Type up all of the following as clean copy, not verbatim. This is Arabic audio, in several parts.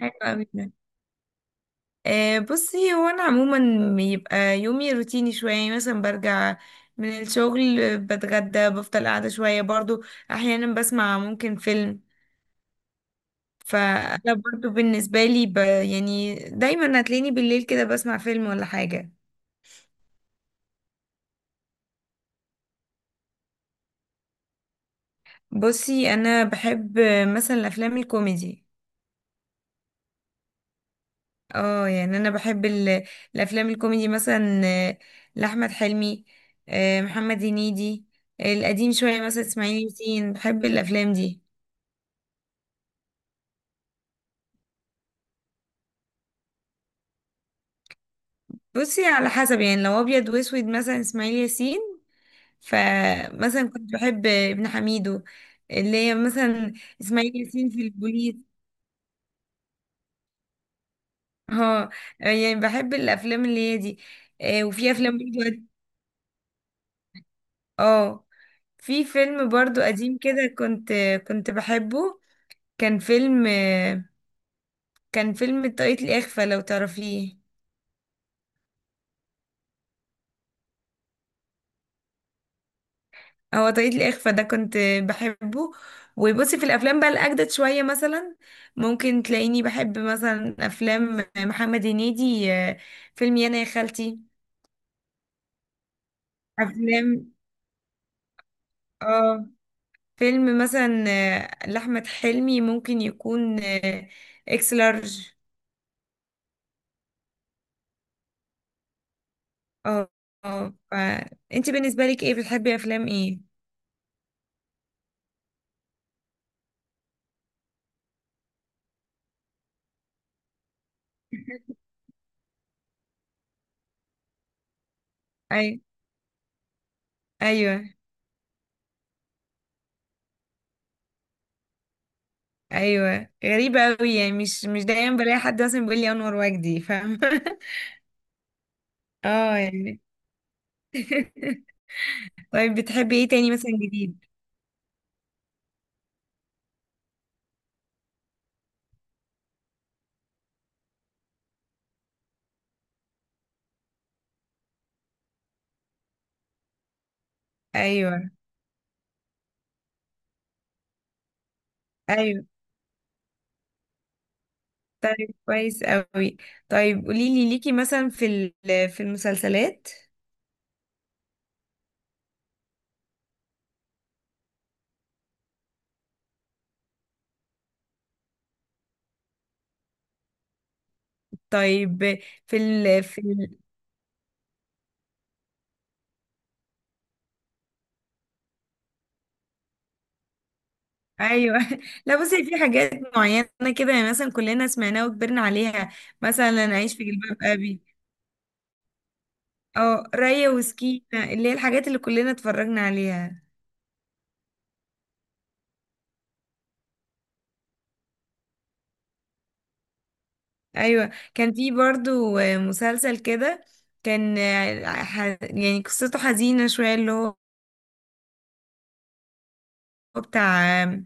حلو قوي ده. بصي، هو انا عموما بيبقى يومي روتيني شويه. يعني مثلا برجع من الشغل، بتغدى، بفضل قاعده شويه برضو، احيانا بسمع ممكن فيلم. فانا برضو بالنسبه لي يعني دايما هتلاقيني بالليل كده بسمع فيلم ولا حاجه. بصي، انا بحب مثلا الافلام الكوميدي. اه يعني انا بحب الافلام الكوميدي، مثلا لاحمد حلمي، محمد هنيدي، القديم شويه مثلا اسماعيل ياسين. بحب الافلام دي. بصي على حسب، يعني لو ابيض واسود مثلا اسماعيل ياسين. فمثلا كنت بحب ابن حميدو، اللي هي مثلا اسماعيل ياسين في البوليس. اه، يعني بحب الافلام اللي هي دي. وفي افلام برضو، اه، في فيلم برضو قديم كده كنت بحبه. كان فيلم، كان فيلم طاقية الإخفاء، لو تعرفيه. هو طاقية الإخفاء ده كنت بحبه. وبصي في الأفلام بقى الأجدد شوية، مثلا ممكن تلاقيني بحب مثلا أفلام محمد هنيدي، فيلم يانا يا خالتي. أفلام، اه، فيلم مثلا لأحمد حلمي، ممكن يكون إكس لارج. اه، اه. فأنت بالنسبة لك ايه؟ بتحبي أفلام ايه؟ أي، أيوه، ايوه. غريبة قوي، يعني مش دايما بلاقي حد مثلا بيقول لي انور وجدي، فاهم. اه يعني. طيب بتحبي ايه تاني مثلا جديد؟ ايوه، ايوه. طيب كويس قوي. طيب قولي لي، ليكي مثلا في في المسلسلات؟ طيب في ال ايوه. لا بصي في حاجات معينه كده، يعني مثلا كلنا سمعناها وكبرنا عليها، مثلا اعيش في جلباب ابي. اه، ريا وسكينه، اللي هي الحاجات اللي كلنا اتفرجنا عليها. ايوه كان في برضو مسلسل كده، كان، يعني قصته حزينة شوية، اللي هو بتاع،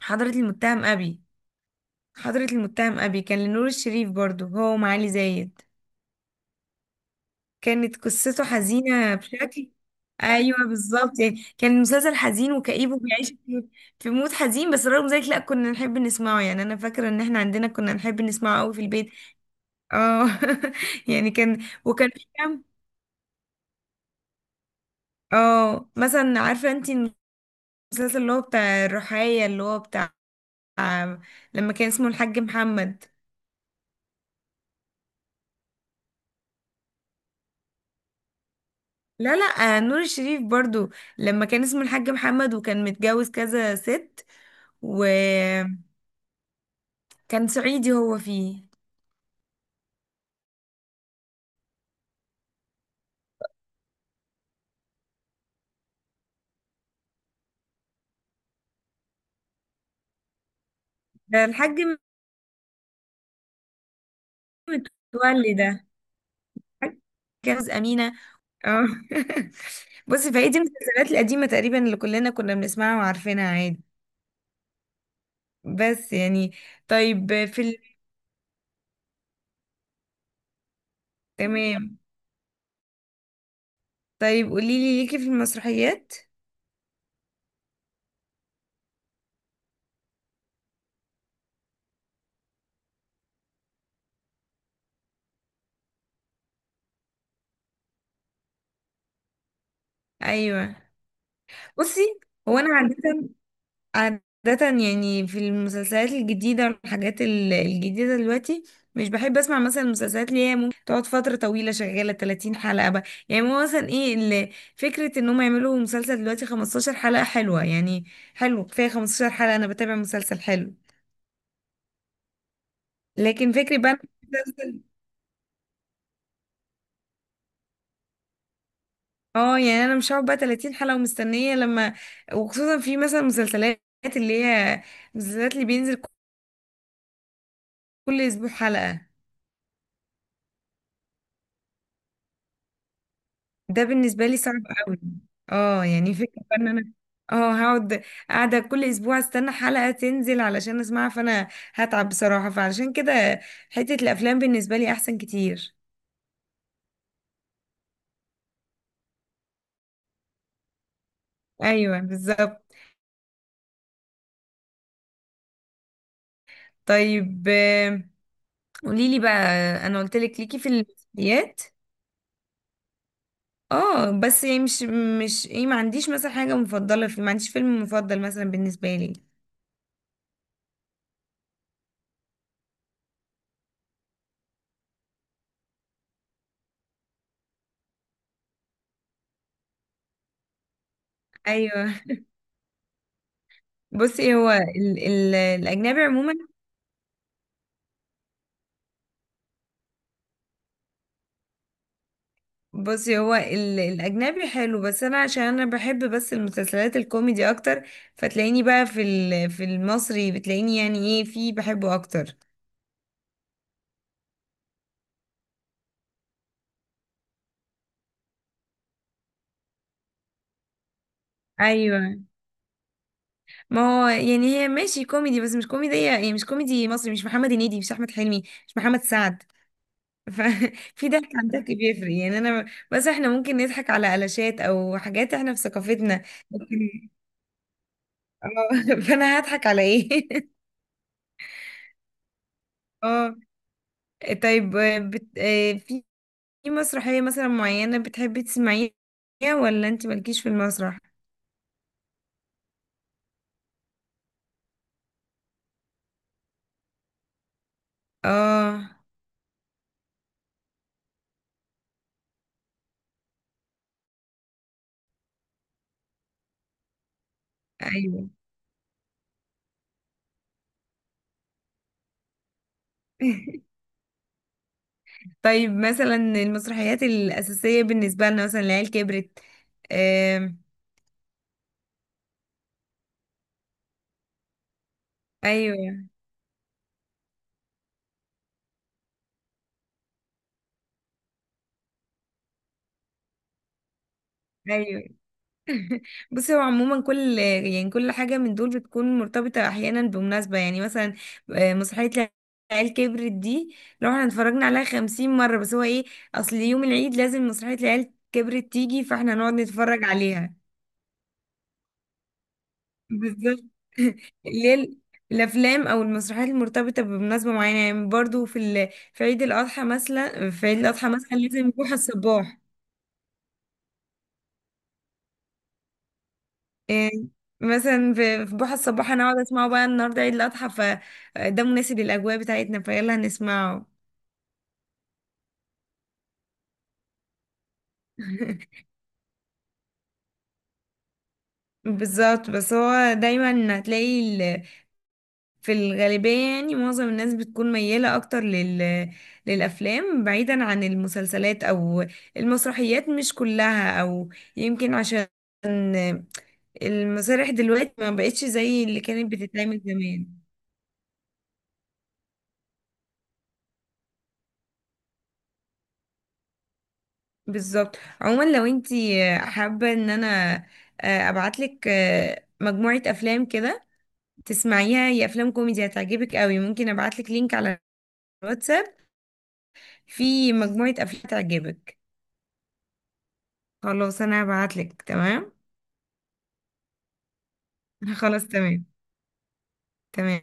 حضرة المتهم أبي. حضرة المتهم أبي كان لنور الشريف برضو، هو ومعالي زايد. كانت قصته حزينة بشكل. ايوه بالظبط، يعني كان المسلسل حزين وكئيب وبيعيش في في مود حزين، بس رغم ذلك لا، كنا نحب نسمعه. يعني انا فاكرة ان احنا عندنا كنا نحب نسمعه قوي في البيت. اه. يعني كان، وكان في كام. اه مثلا عارفه انت المسلسل اللي هو بتاع الرحاية، اللي هو بتاع لما كان اسمه الحاج محمد؟ لا نور الشريف برضو، لما كان اسمه الحاج محمد وكان متجوز كذا ست. وكان صعيدي، هو فيه. ده الحاج متولي. ده الحاج جوز أمينة. اه. بصي فهي دي المسلسلات القديمة تقريبا، اللي كلنا كنا بنسمعها وعارفينها عادي. بس يعني طيب تمام. طيب قوليلي، ليكي في المسرحيات؟ ايوه. بصي هو انا عادة يعني في المسلسلات الجديدة والحاجات الجديدة دلوقتي، مش بحب اسمع مثلا المسلسلات اللي هي ممكن تقعد فترة طويلة شغالة 30 حلقة بقى. يعني هو مثلا ايه فكرة ان هم يعملوا مسلسل دلوقتي 15 حلقة، حلوة يعني. حلو كفاية 15 حلقة انا بتابع مسلسل حلو. لكن فكرة بقى مسلسل، اه، يعني انا مش هقعد بقى 30 حلقة ومستنية لما. وخصوصا في مثلا مسلسلات اللي هي مسلسلات اللي بينزل كل اسبوع حلقة. ده بالنسبة لي صعب قوي. اه يعني فكرة ان انا اه هقعد قاعدة كل اسبوع استنى حلقة تنزل علشان اسمعها، فانا هتعب بصراحة. فعلشان كده حتة الافلام بالنسبة لي احسن كتير. ايوه بالظبط. طيب، آم، قوليلي بقى، انا قلت لك ليكي في المسلسلات. اه بس يعني مش ما عنديش مثلا حاجة مفضلة، في ما عنديش فيلم مفضل مثلا بالنسبة لي. ايوه. بصي هو ال الاجنبي عموما، بصي هو الاجنبي حلو، بس انا عشان انا بحب بس المسلسلات الكوميدي اكتر. فتلاقيني بقى في في المصري بتلاقيني يعني ايه في بحبه اكتر. ايوه، ما هو يعني هي ماشي كوميدي بس مش كوميدية، يعني مش كوميدي مصري، مش محمد هنيدي، مش احمد حلمي، مش محمد سعد. ففي ضحك عن ضحك بيفرق يعني انا. بس احنا ممكن نضحك على قلاشات او حاجات احنا في ثقافتنا. لكن اه فانا هضحك على ايه؟ اه. طيب بت... آه، في في مسرحية مثلا معينة بتحبي تسمعيها، ولا انت مالكيش في المسرح؟ اه، ايوه. طيب مثلا المسرحيات الأساسية بالنسبة لنا، مثلا العيال كبرت. آم، ايوه ايوه. بصي هو عموما كل يعني كل حاجة من دول بتكون مرتبطة احيانا بمناسبة. يعني مثلا مسرحية العيال كبرت دي لو احنا اتفرجنا عليها 50 مرة، بس هو ايه، اصل يوم العيد لازم مسرحية العيال كبرت تيجي، فاحنا نقعد نتفرج عليها. بالظبط. اللي هي الافلام او المسرحيات المرتبطه بمناسبه معينه. يعني برضو في في عيد الاضحى مثلا، في عيد الاضحى مثلا لازم بوحه الصباح. إيه، مثلا في في بوحه الصباح انا اقعد اسمعه بقى النهارده عيد الاضحى، فده مناسب للاجواء بتاعتنا، فيلا نسمعه. بالظبط. بس هو دايما هتلاقي في الغالبية، يعني معظم الناس بتكون ميالة أكتر للأفلام، بعيدا عن المسلسلات أو المسرحيات، مش كلها. أو يمكن عشان المسارح دلوقتي ما بقتش زي اللي كانت بتتعمل زمان. بالظبط. عموما لو انتي حابة ان انا ابعتلك مجموعة افلام كده تسمعيها، هي افلام كوميدي هتعجبك قوي. ممكن ابعتلك لينك على الواتساب، في مجموعة افلام تعجبك. خلاص انا هبعتلك، تمام. خلاص، تمام تمام.